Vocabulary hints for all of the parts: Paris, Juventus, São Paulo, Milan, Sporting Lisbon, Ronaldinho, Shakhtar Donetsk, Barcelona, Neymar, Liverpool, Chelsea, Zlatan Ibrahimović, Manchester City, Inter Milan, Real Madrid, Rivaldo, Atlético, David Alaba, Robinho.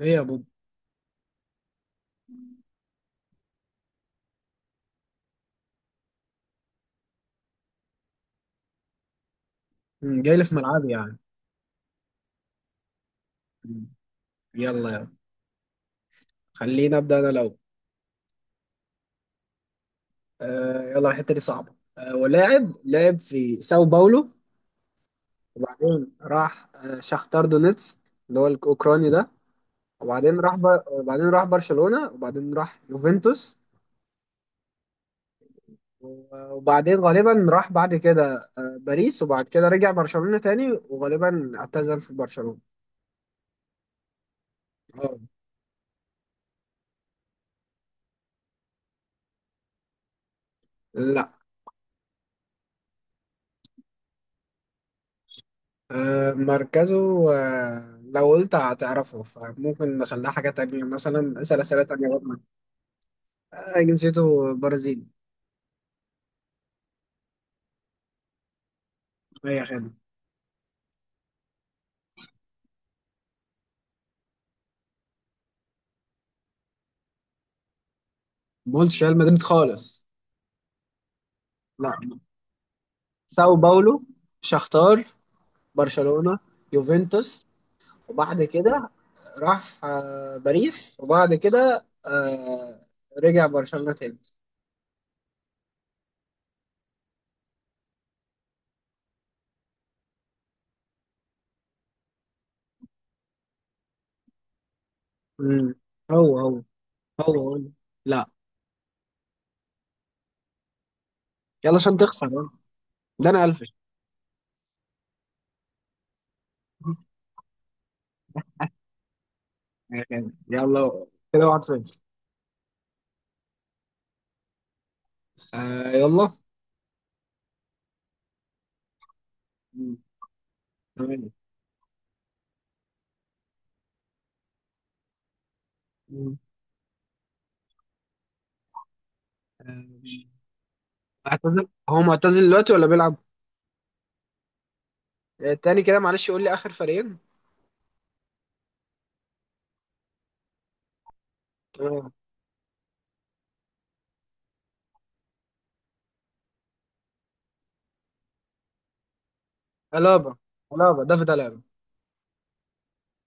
ايه يا بوب. جاي لي في ملعبي يعني. مم، يلا يلا. خليني ابدا انا الاول. آه يلا، الحته دي صعبه. ولاعب لعب في ساو باولو. وبعدين راح شختار دونيتسك، اللي هو الاوكراني ده. وبعدين راح وبعدين راح برشلونه، وبعدين راح يوفنتوس. وبعدين غالبا راح بعد كده باريس، وبعد كده رجع برشلونه تاني، وغالبا اعتزل في برشلونه. اه. لا. مركزه. لو قلت هتعرفه فممكن نخليها حاجة تانية، مثلا اسأل أسئلة تانية برضه. جنسيته برازيلي. أي خدمة. ما قلتش ريال مدريد خالص. لا. ساو باولو، شختار، برشلونة، يوفنتوس، وبعد كده راح باريس، وبعد كده رجع برشلونة تاني. مم. هو هو. هو هو. لا. يلا عشان تخسر يلا. ده انا قفش. يلا. كده واحد صفر. آه يلا. مم. تمام. مم. آه، اعتزل؟ هو معتزل دلوقتي ولا بيلعب؟ تاني كده معلش، قول لي آخر فريقين. تمام. ألابا. ألابا دافيد ألابا.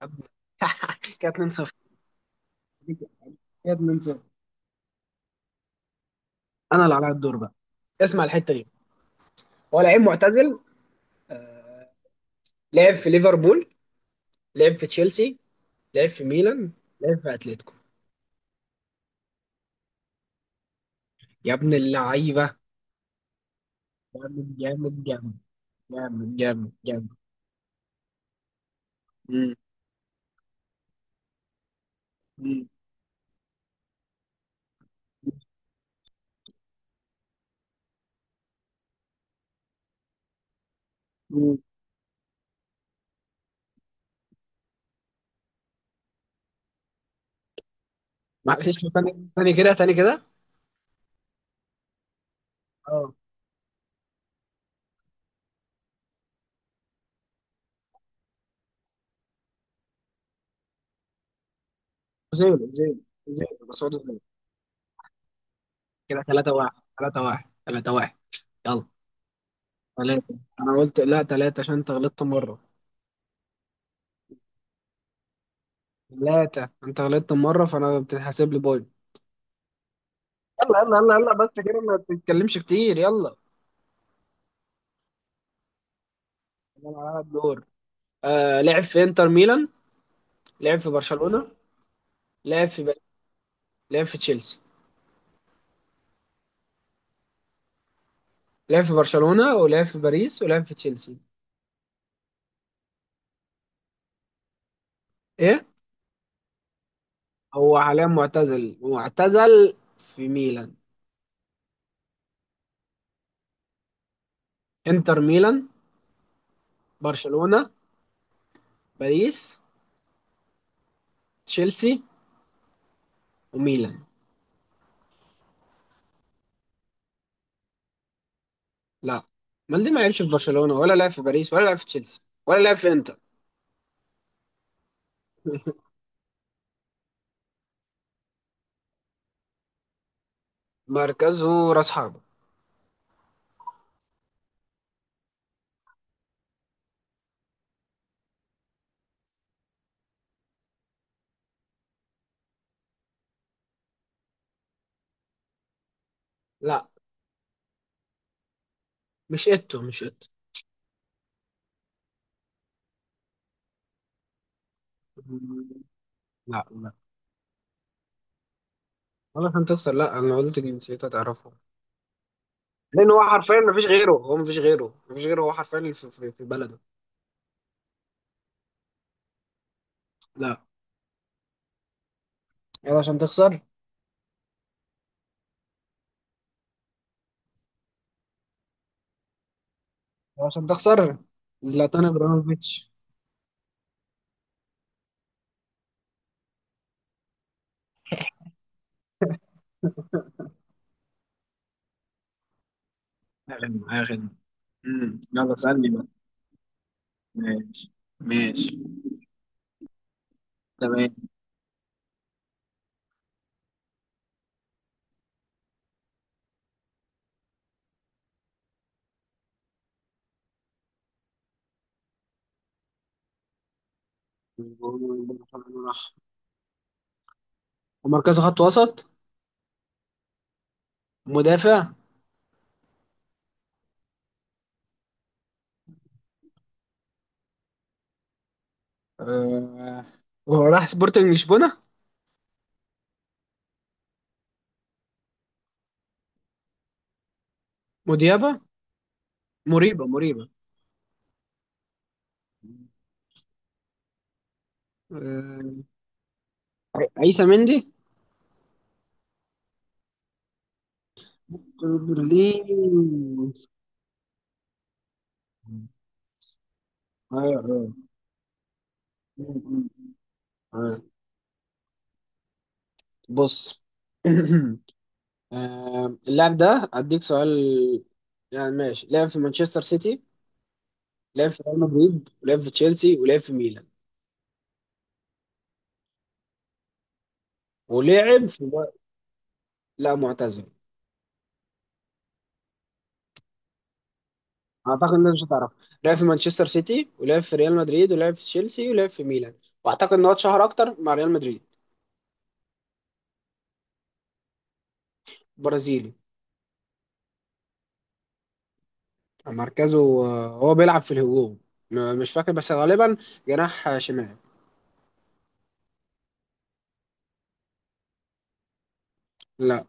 أب- كده 2-0. كده 2-0. أنا اللي عليا الدور بقى. اسمع الحتة دي. هو لعيب معتزل. آه، لعب في ليفربول. لعب في تشيلسي. لعب في ميلان. لعب في أتلتيكو. يا ابن اللعيبة. جامد جامد جامد جامد جامد جامد. مم. مم. مم. معلش، تاني تاني كده، تاني كده. زيرو زيرو زيرو، بس برضه زيرو. كده 3 1. 3 1 3 1. يلا. 3، انا قلت لا 3 عشان انت غلطت مرة. 3، انت غلطت مرة فانا بتتحسب لي بوينت. يلا يلا يلا يلا، بس كده ما تتكلمش كتير، يلا. يلا على الدور. لعب في انتر ميلان. لعب في برشلونة. لعب في باريس. لعب في تشيلسي. لعب في برشلونة، ولعب في باريس، ولعب في تشيلسي. ايه. هو حاليا معتزل، معتزل في ميلان. انتر ميلان، برشلونة، باريس، تشيلسي، وميلان. لا. مالدي ما لعبش في برشلونة، ولا لعب في باريس، ولا لعب في تشيلسي، ولا لعب في انتر. مركزه راس حربة. لا. مش ايتو، مش ايتو. لا. لا. ولا عشان تخسر. لا، انا قلت جنسيته تعرفه. لان هو حرفيا ما فيش غيره، هو ما فيش غيره، ما فيش غيره، هو حرفيا اللي في بلده. لا. يلا عشان تخسر. يلا عشان تخسر. زلاتان ابراهيموفيتش. يا خدمة يا خدمة. يلا اسألني بقى. ماشي. ماشي. تمام. ومركزه خط وسط. مدافع. آه. وهو راح سبورتنج لشبونة. مديابة. مريبة. مريبة. آه. عيسى مندي. بليز. آه. آه. آه. بص. اللاعب ده اديك سؤال، يعني ماشي. لعب في مانشستر سيتي. لعب في ريال مدريد، ولعب في تشيلسي، ولعب في ميلان. ولعب في. لا، معتزل. اعتقد الناس مش هتعرف. لعب في مانشستر سيتي، ولعب في ريال مدريد، ولعب في تشيلسي، ولعب في ميلان. واعتقد ان هو اتشهر اكتر مع ريال مدريد. برازيلي. مركزه. هو بيلعب في الهجوم. مش فاكر بس غالبا جناح شمال. لا.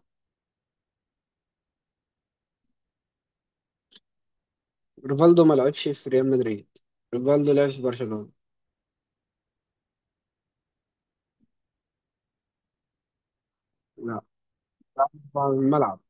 ريفالدو ما لعبش في ريال مدريد. ريفالدو لعب في برشلونة. لا. لعب في الملعب.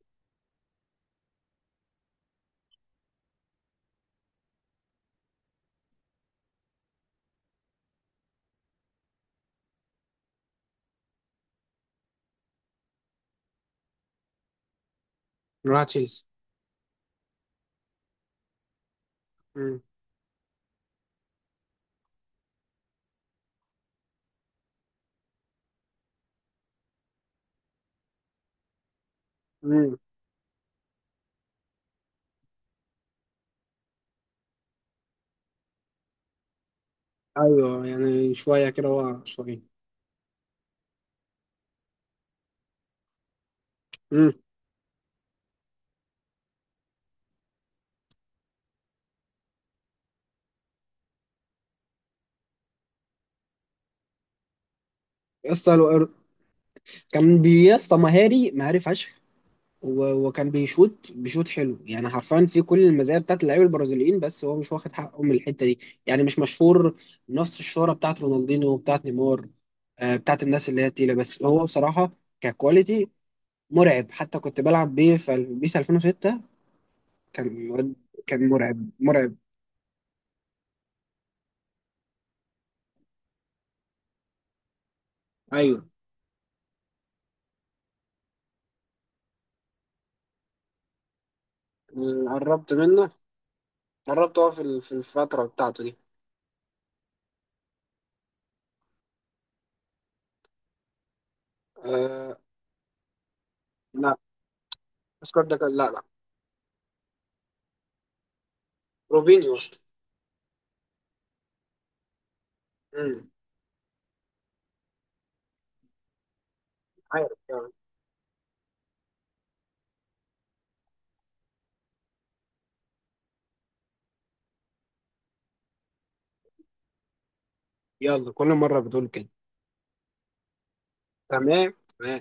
راح تشيلسي. مم. مم. ايوه، يعني شويه كده ورا شويه. مم. يا اسطى كان يا اسطى، مهاري مهاري فشخ. وكان بيشوط بيشوط حلو، يعني حرفيا في كل المزايا بتاعت اللعيبه البرازيليين، بس هو مش واخد حقه من الحته دي، يعني مش مشهور نفس الشهره بتاعت رونالدينو وبتاعت نيمار، بتاعت الناس اللي هي تقيله، بس هو بصراحه ككواليتي مرعب، حتى كنت بلعب بيه في بيس 2006. كان واد- كان مرعب مرعب. ايوه. قربت منه. قربت، هو في في الفتره بتاعته دي. أه. لا اسكت، ده كان، لا لا. روبينيو. أمم. عارف يعني. يلا كل مره بتقول كده. تمام. تمام.